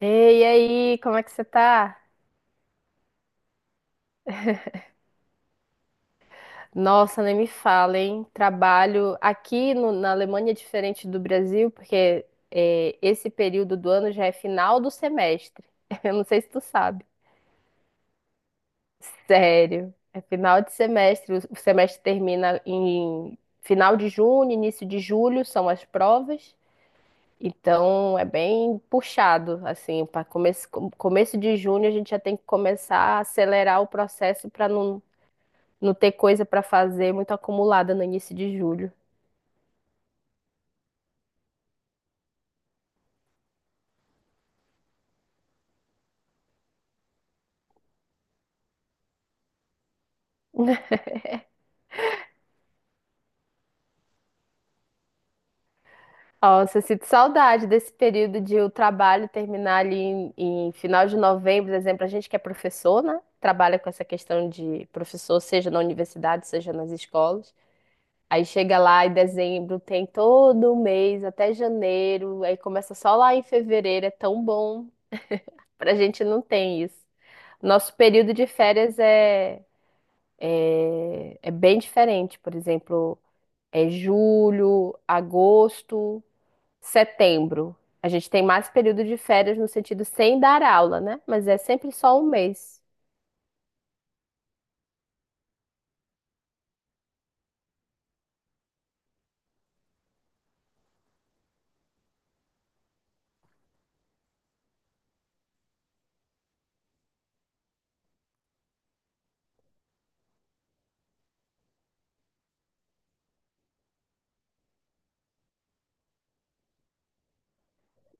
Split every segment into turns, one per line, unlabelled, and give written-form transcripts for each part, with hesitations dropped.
Ei, e aí, como é que você tá? Nossa, nem me fala, hein? Trabalho aqui na Alemanha é diferente do Brasil, porque esse período do ano já é final do semestre. Eu não sei se tu sabe. Sério, é final de semestre. O semestre termina em final de junho, início de julho são as provas. Então é bem puxado, assim, começo de junho a gente já tem que começar a acelerar o processo para não ter coisa pra fazer, muito acumulada no início de julho. Nossa, eu sinto saudade desse período de o trabalho terminar ali em final de novembro, por exemplo, a gente que é professor, né? Trabalha com essa questão de professor, seja na universidade, seja nas escolas. Aí chega lá em dezembro, tem todo o mês até janeiro, aí começa só lá em fevereiro, é tão bom. Pra gente não tem isso. Nosso período de férias é, é, é bem diferente, por exemplo. É julho, agosto, setembro. A gente tem mais período de férias no sentido sem dar aula, né? Mas é sempre só um mês.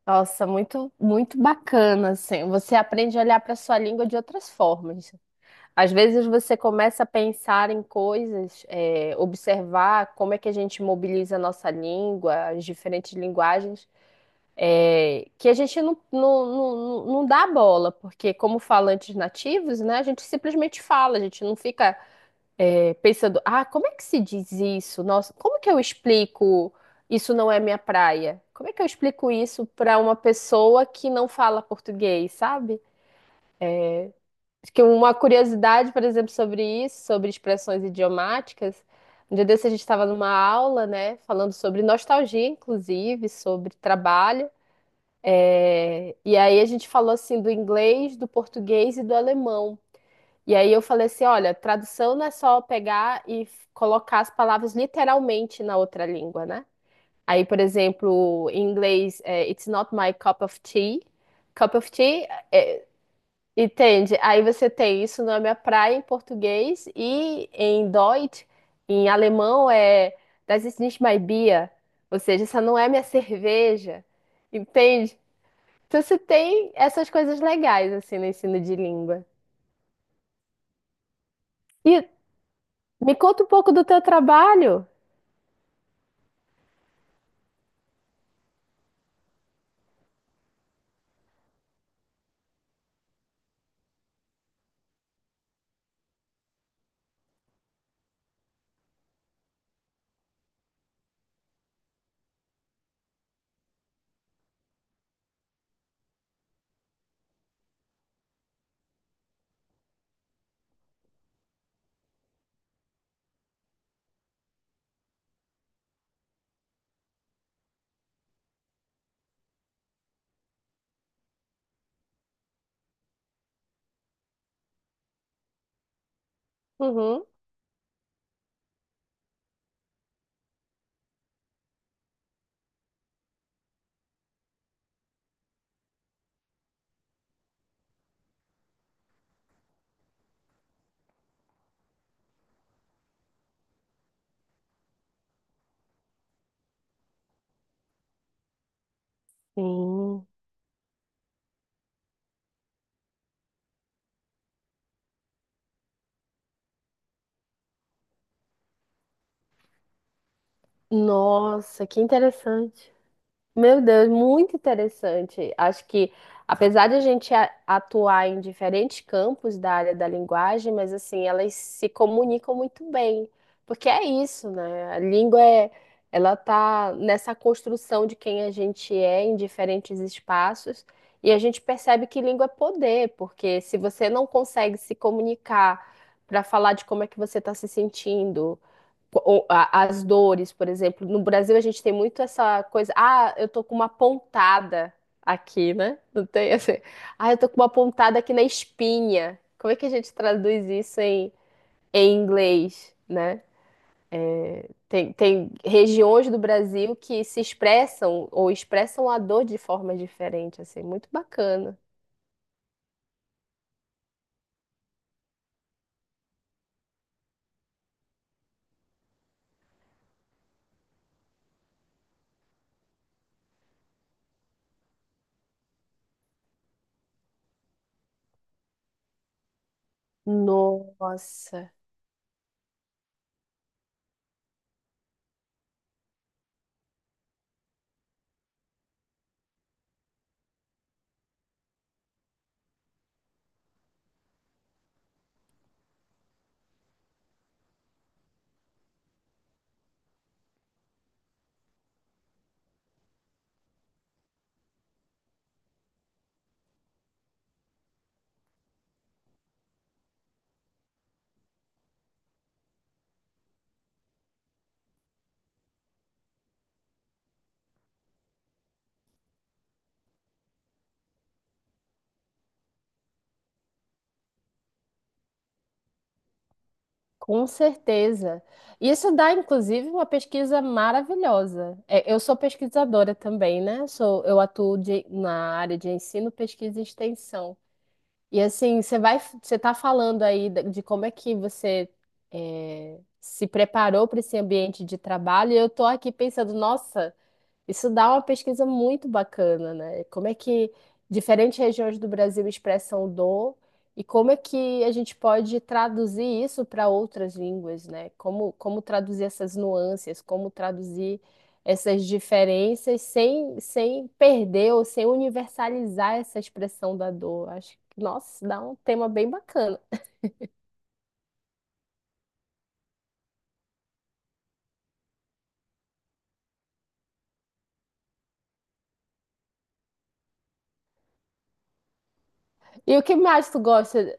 Nossa, muito, muito bacana, assim. Você aprende a olhar para sua língua de outras formas. Às vezes você começa a pensar em coisas, observar como é que a gente mobiliza a nossa língua, as diferentes linguagens. Que a gente não dá bola, porque como falantes nativos, né, a gente simplesmente fala, a gente não fica pensando, ah, como é que se diz isso? Nossa, como que eu explico isso não é minha praia? Como é que eu explico isso para uma pessoa que não fala português, sabe? Acho que uma curiosidade, por exemplo, sobre isso, sobre expressões idiomáticas, um dia desse a gente estava numa aula, né, falando sobre nostalgia, inclusive, sobre trabalho, e aí a gente falou assim do inglês, do português e do alemão. E aí eu falei assim, olha, tradução não é só pegar e colocar as palavras literalmente na outra língua, né? Aí, por exemplo, em inglês, it's not my cup of tea. Cup of tea, é, entende? Aí você tem isso não é minha praia em português e em Deutsch, em alemão é das ist nicht mein Bier, ou seja, essa não é minha cerveja, entende? Então, você tem essas coisas legais, assim, no ensino de língua. E me conta um pouco do teu trabalho. Uhum. Sim. Nossa, que interessante. Meu Deus, muito interessante. Acho que, apesar de a gente atuar em diferentes campos da área da linguagem, mas assim, elas se comunicam muito bem. Porque é isso, né? A língua é, ela tá nessa construção de quem a gente é em diferentes espaços, e a gente percebe que língua é poder, porque se você não consegue se comunicar para falar de como é que você está se sentindo, as dores, por exemplo. No Brasil a gente tem muito essa coisa, ah, eu tô com uma pontada aqui, né? Não tem assim, ah, eu tô com uma pontada aqui na espinha. Como é que a gente traduz isso em inglês, né? Tem regiões do Brasil que se expressam ou expressam a dor de forma diferente, assim, muito bacana. Nossa. Com certeza. Isso dá, inclusive, uma pesquisa maravilhosa. É, eu sou pesquisadora também, né? Sou, eu atuo na área de ensino, pesquisa e extensão. E assim, você vai, você está falando aí de como é que você se preparou para esse ambiente de trabalho. E eu estou aqui pensando, nossa. Isso dá uma pesquisa muito bacana, né? Como é que diferentes regiões do Brasil expressam dor e como é que a gente pode traduzir isso para outras línguas, né? Como, como traduzir essas nuances, como traduzir essas diferenças sem perder ou sem universalizar essa expressão da dor. Acho que, nossa, dá um tema bem bacana. E o que mais tu gosta?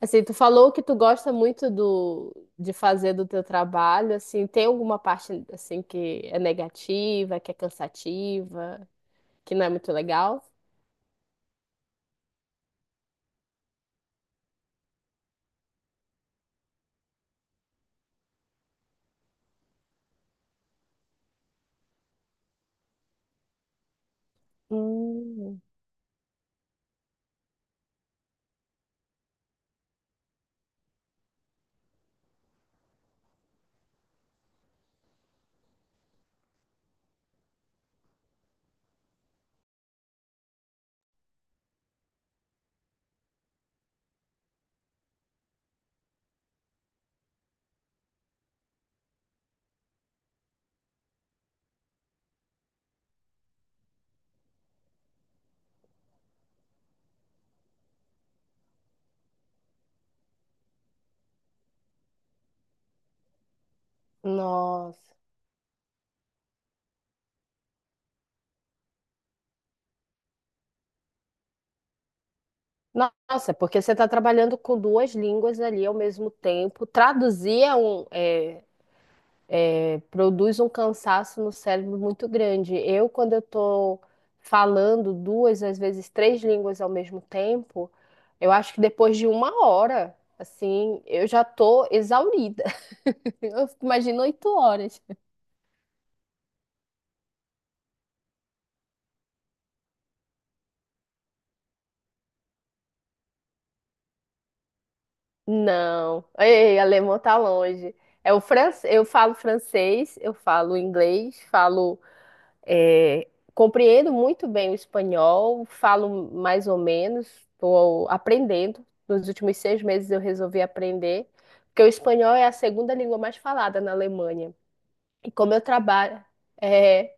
Assim, tu falou que tu gosta muito de fazer do teu trabalho, assim, tem alguma parte, assim, que é negativa, que é cansativa, que não é muito legal? Hum, nossa. Nossa, porque você está trabalhando com duas línguas ali ao mesmo tempo. Traduzir é um, é, É, produz um cansaço no cérebro muito grande. Eu, quando eu estou falando duas, às vezes três línguas ao mesmo tempo, eu acho que depois de uma hora, assim, eu já tô exaurida. Imagino 8 horas. Não, ei, alemão tá longe. É o francês, eu falo inglês, falo É, compreendo muito bem o espanhol, falo mais ou menos, estou aprendendo. Nos últimos 6 meses eu resolvi aprender, porque o espanhol é a segunda língua mais falada na Alemanha. E como eu trabalho, é,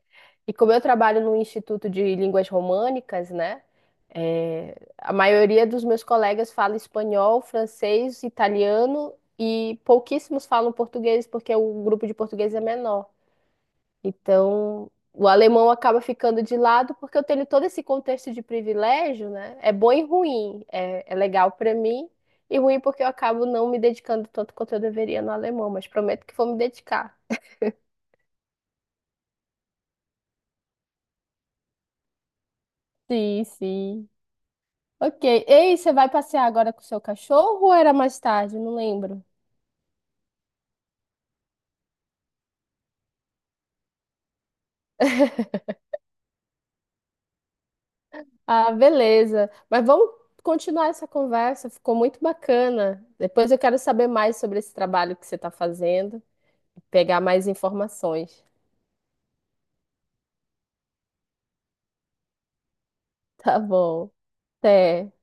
e como eu trabalho no Instituto de Línguas Românicas, né? A maioria dos meus colegas fala espanhol, francês, italiano e pouquíssimos falam português, porque o grupo de português é menor. Então, o alemão acaba ficando de lado porque eu tenho todo esse contexto de privilégio, né? É bom e ruim. É, é legal para mim e ruim porque eu acabo não me dedicando tanto quanto eu deveria no alemão, mas prometo que vou me dedicar. Sim, sim. Ok. Ei, você vai passear agora com o seu cachorro ou era mais tarde? Não lembro. Ah, beleza. Mas vamos continuar essa conversa, ficou muito bacana. Depois eu quero saber mais sobre esse trabalho que você está fazendo, pegar mais informações. Tá bom. Sim.